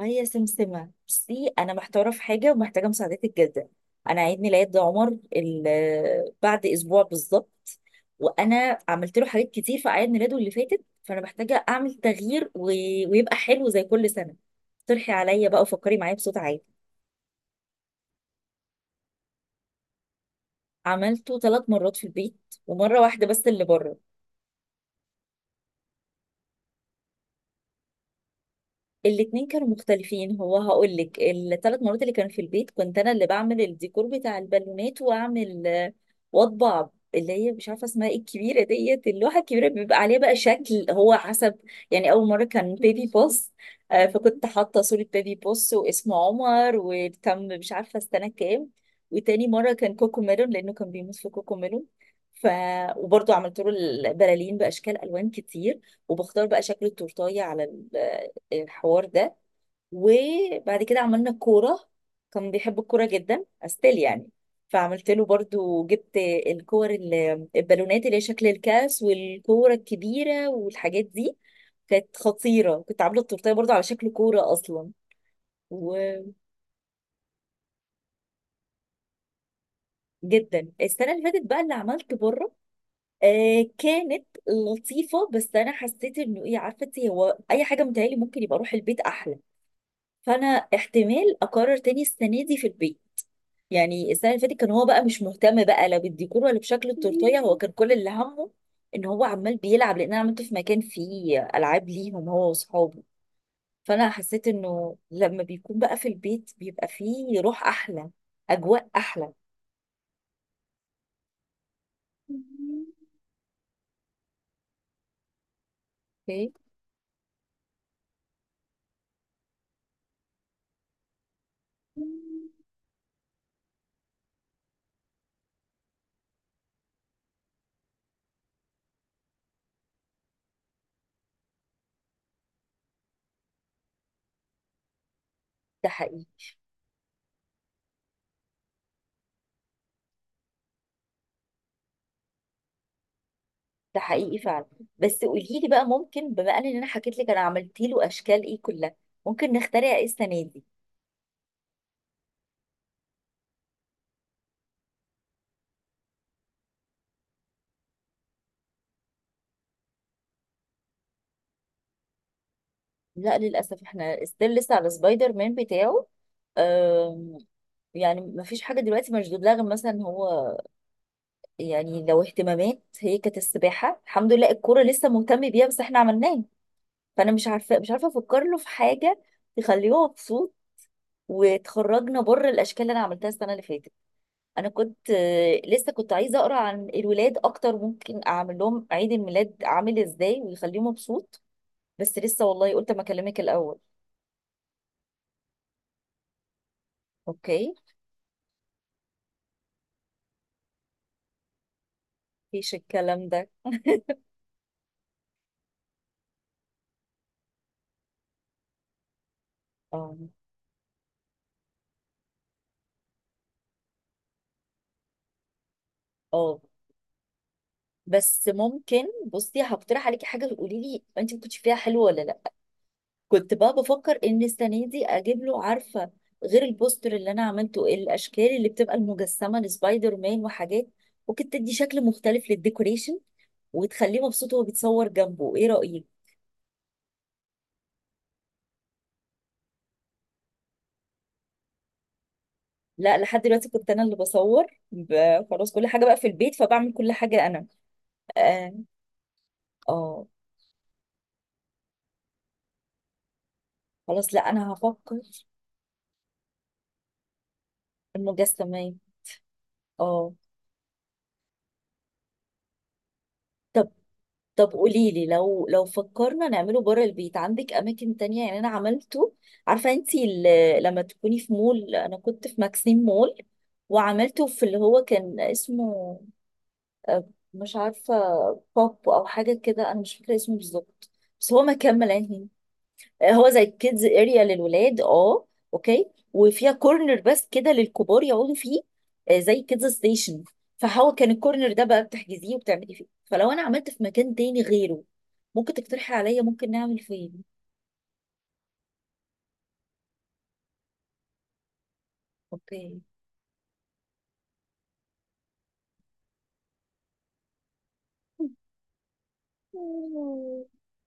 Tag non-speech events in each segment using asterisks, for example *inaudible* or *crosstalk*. هي سمسمة، بصي أنا محتارة في حاجة ومحتاجة مساعدتك جدا. أنا عيد ميلاد عمر بعد أسبوع بالظبط. وأنا عملت له حاجات كتير في أعياد ميلاده اللي فاتت، فأنا محتاجة أعمل تغيير و... ويبقى حلو زي كل سنة. اقترحي عليا بقى وفكري معايا بصوت عالي. عملته 3 مرات في البيت، ومرة واحدة بس اللي بره. الاتنين كانوا مختلفين. هو هقول لك، الـ3 مرات اللي كانوا في البيت كنت انا اللي بعمل الديكور بتاع البالونات، واعمل واطبع اللي هي مش عارفه اسمها ايه، الكبيره ديت، اللوحه الكبيره بيبقى عليها بقى شكل هو حسب. يعني اول مره كان بيبي بوس، فكنت حاطه صوره بيبي بوس واسمه عمر وكم، مش عارفه السنه كام. وتاني مره كان كوكو ميلون، لانه كان بيموت في كوكو ميلون. ف وبرضه عملت له البلالين باشكال الوان كتير، وبختار بقى شكل التورتايه على الحوار ده. وبعد كده عملنا كورة، كان بيحب الكورة جدا استيل يعني. فعملت له برضو، جبت الكور البالونات اللي هي شكل الكاس، والكورة الكبيرة، والحاجات دي. كانت خطيرة، كنت عاملة التورتية برضو على شكل كورة أصلا، وجدا. السنة اللي فاتت بقى اللي عملت بره، آه كانت لطيفة، بس أنا حسيت إنه إيه، عارفة إنتي، هو أي حاجة متهيألي ممكن يبقى أروح البيت أحلى. فأنا احتمال أقرر تاني السنة دي في البيت. يعني السنه اللي فاتت كان هو بقى مش مهتم بقى، لا بالديكور ولا بشكل التورتيه، هو كان كل اللي همه ان هو عمال بيلعب، لان انا عملته في مكان فيه العاب ليهم، هو واصحابه. فانا حسيت انه لما بيكون بقى في البيت بيبقى فيه روح احلى، اجواء احلى. اوكي. ده حقيقي. ده حقيقي فعلا. بس قولي لي بقى، ممكن بما ان انا حكيت لك انا عملت له اشكال ايه كلها، ممكن نخترع ايه السنه دي؟ لا للاسف احنا ستيل لسه على سبايدر مان بتاعه. يعني مفيش حاجة دلوقتي مشدود لها غير مثلا هو. يعني لو اهتمامات، هي كانت السباحة الحمد لله، الكورة لسه مهتم بيها بس احنا عملناه. فأنا مش عارفة أفكر له في حاجة تخليه مبسوط، وتخرجنا بره الأشكال اللي أنا عملتها السنة اللي فاتت. أنا كنت لسه كنت عايزة أقرأ عن الولاد أكتر، ممكن أعمل لهم عيد الميلاد عامل إزاي ويخليه مبسوط. بس لسه والله قلت ما أكلمك الأول. أوكي. مفيش الكلام ده. اه اه. بس ممكن، بصي هقترح عليكي حاجه، تقولي لي انت ما كنتش فيها حلوه ولا لا. كنت بقى بفكر ان السنه دي اجيب له، عارفه، غير البوستر اللي انا عملته، الاشكال اللي بتبقى المجسمه لسبايدر مان وحاجات. ممكن تدي شكل مختلف للديكوريشن، وتخليه مبسوط وهو بيتصور جنبه. ايه رايك؟ لا لحد دلوقتي كنت انا اللي بصور، خلاص كل حاجه بقى في البيت، فبعمل كل حاجه انا. اه. آه، خلاص، لا انا هفكر. المجسمات. اه. طب قولي لي، لو فكرنا نعمله بره البيت، عندك اماكن تانية؟ يعني انا عملته، عارفة انتي لما تكوني في مول، انا كنت في ماكسيم مول، وعملته في اللي هو كان اسمه آه، مش عارفة، بوب او حاجة كده، انا مش فاكرة اسمه بالظبط. بس هو ما كمل يعني. هو زي كيدز اريا للولاد. اه. اوكي. وفيها كورنر بس كده للكبار يقعدوا فيه، زي كيدز ستيشن. فهو كان الكورنر ده بقى بتحجزيه وبتعملي فيه. فلو انا عملت في مكان تاني غيره، ممكن تقترحي عليا ممكن نعمل فين؟ اوكي. *laughs*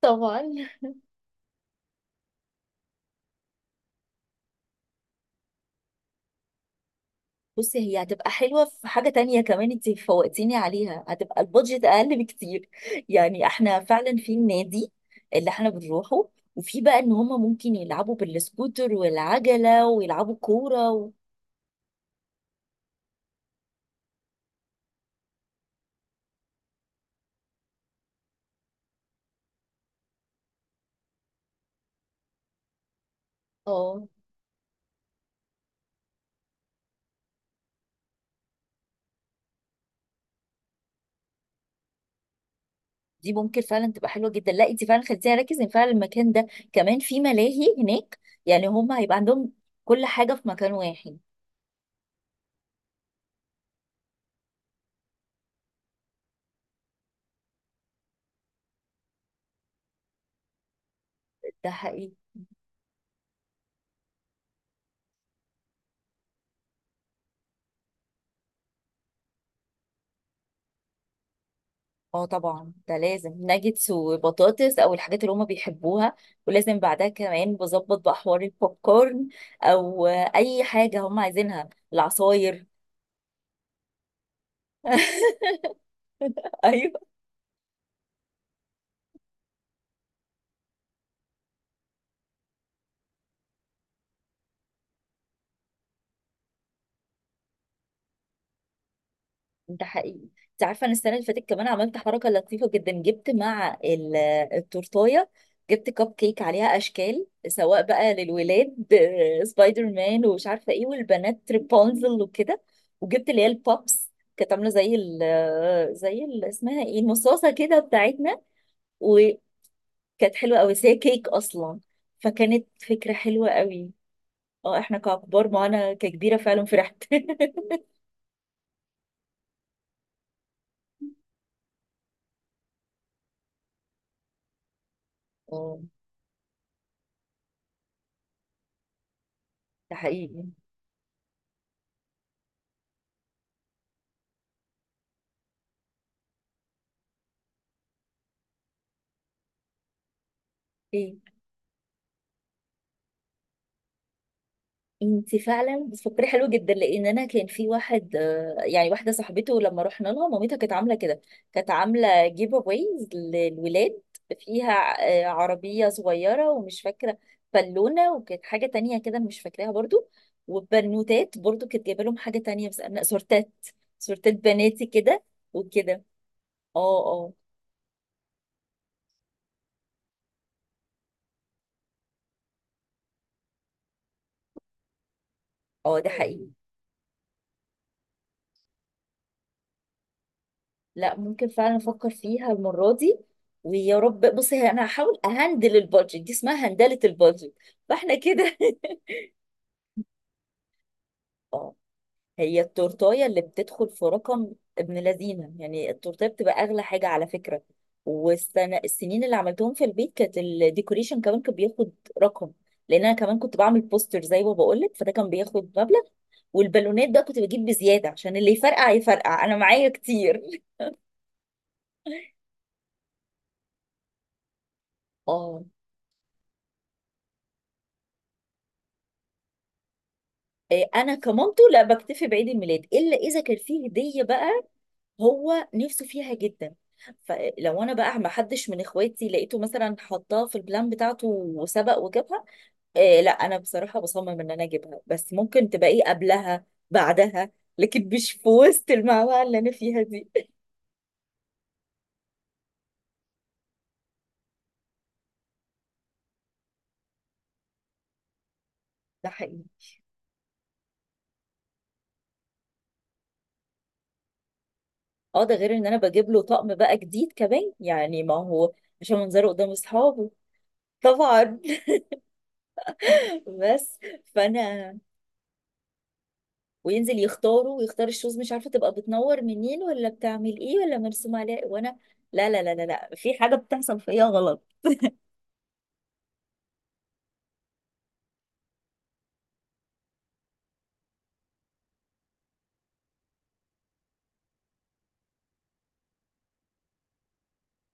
طبعا. بصي، هي هتبقى حلوة في حاجة تانية كمان انت فوقتيني عليها، هتبقى البادجت أقل بكتير. يعني احنا فعلا في النادي اللي احنا بنروحه، وفي بقى ان هما ممكن يلعبوا بالسكوتر والعجلة ويلعبوا كورة و... اه، دي ممكن فعلا تبقى حلوة جدا. لا انت فعلا خليتيني اركز ان فعلا المكان ده كمان في ملاهي هناك. يعني هما هيبقى عندهم كل حاجة في مكان واحد. ده حقيقي. اه طبعا، ده لازم، ناجتس وبطاطس او الحاجات اللي هما بيحبوها، ولازم بعدها كمان بظبط بقى حوار البوب كورن، او اي حاجه هما عايزينها، العصاير. *laughs* ايوه. ده حقيقي. انت عارفه، انا السنه اللي فاتت كمان عملت حركه لطيفه جدا، جبت مع التورتايه، جبت كب كيك عليها اشكال سواء بقى للولاد، سبايدر مان ومش عارفه ايه، والبنات ريبونزل وكده. وجبت اللي هي البوبس، كانت عامله زي ال زي ال، اسمها ايه، المصاصه كده بتاعتنا. وكانت حلوه قوي، بس هي كيك اصلا. فكانت فكره حلوه قوي. اه احنا ككبار، ما انا ككبيره فعلا فرحت. *laughs* اه، ده حقيقي. ايه، انت فعلا بتفكري حلو جدا، لان انا كان في واحد، يعني واحده صاحبته لما رحنا لها، مامتها كانت عامله كده، كانت عامله جيف اويز للولاد، فيها عربيه صغيره ومش فاكره، بالونه، وكانت حاجه تانية كده مش فاكراها برضو. وبنوتات برضو كانت جايبه لهم حاجه تانية، بس انا سورتات بناتي كده، وكده. اه. اه اه. ده حقيقي. لا ممكن فعلا افكر فيها المره دي. ويا رب. بصي، هي انا هحاول اهندل البادجت دي، اسمها هندله البادجت. فاحنا كده. *laughs* اه. هي التورتايه اللي بتدخل في رقم، ابن لذينه، يعني التورتايه بتبقى اغلى حاجه على فكره. والسنه، السنين اللي عملتهم في البيت كانت الديكوريشن كمان كان بياخد رقم، لان انا كمان كنت بعمل بوستر زي ما بقول لك، فده كان بياخد مبلغ. والبالونات ده كنت بجيب بزياده عشان اللي يفرقع يفرقع، انا معايا كتير. اه. انا كمامته لا بكتفي بعيد الميلاد، الا اذا كان فيه هديه بقى. هو نفسه فيها جدا، فلو انا بقى ما حدش من اخواتي لقيته مثلا حطها في البلان بتاعته وسبق وجابها، إيه لا، انا بصراحه بصمم ان انا اجيبها. بس ممكن تبقى ايه قبلها بعدها، لكن مش في وسط المعمعه اللي انا فيها دي. *laughs* ده حقيقي. اه، ده غير ان انا بجيب له طقم بقى جديد كمان يعني، ما هو عشان منظره قدام اصحابه. طبعا. *laughs* بس. فانا، وينزل يختاره ويختار الشوز، مش عارفه تبقى بتنور منين ولا بتعمل ايه ولا مرسوم عليها وانا، لا لا لا لا لا، في حاجه بتحصل فيا غلط.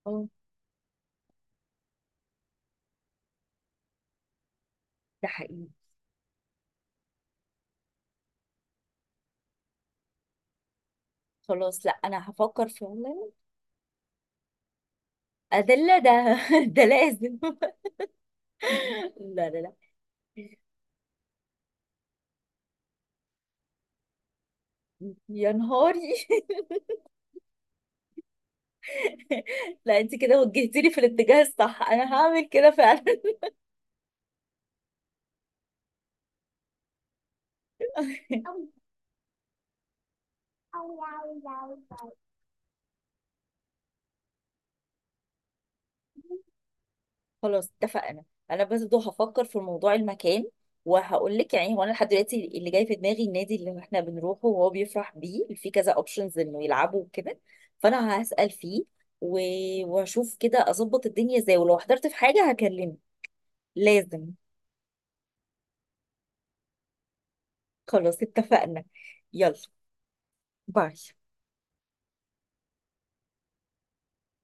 اه. ده حقيقي. خلاص، لا انا هفكر فعلا. ادله ده. *laughs* ده لازم. *laughs* لا لا لا، يا نهاري. *laughs* لا، انت كده وجهتيني في الاتجاه الصح، انا هعمل كده فعلا. *laughs* خلاص اتفقنا. انا بس دو هفكر في موضوع المكان وهقول لك. يعني هو انا لحد دلوقتي اللي جاي في دماغي النادي اللي احنا بنروحه وهو بيفرح بيه، في كذا اوبشنز انه يلعبوا وكده. فانا هسأل فيه، و... واشوف كده اظبط الدنيا ازاي، ولو احترت في حاجة هكلمك. لازم. خلاص اتفقنا. يلا. باي.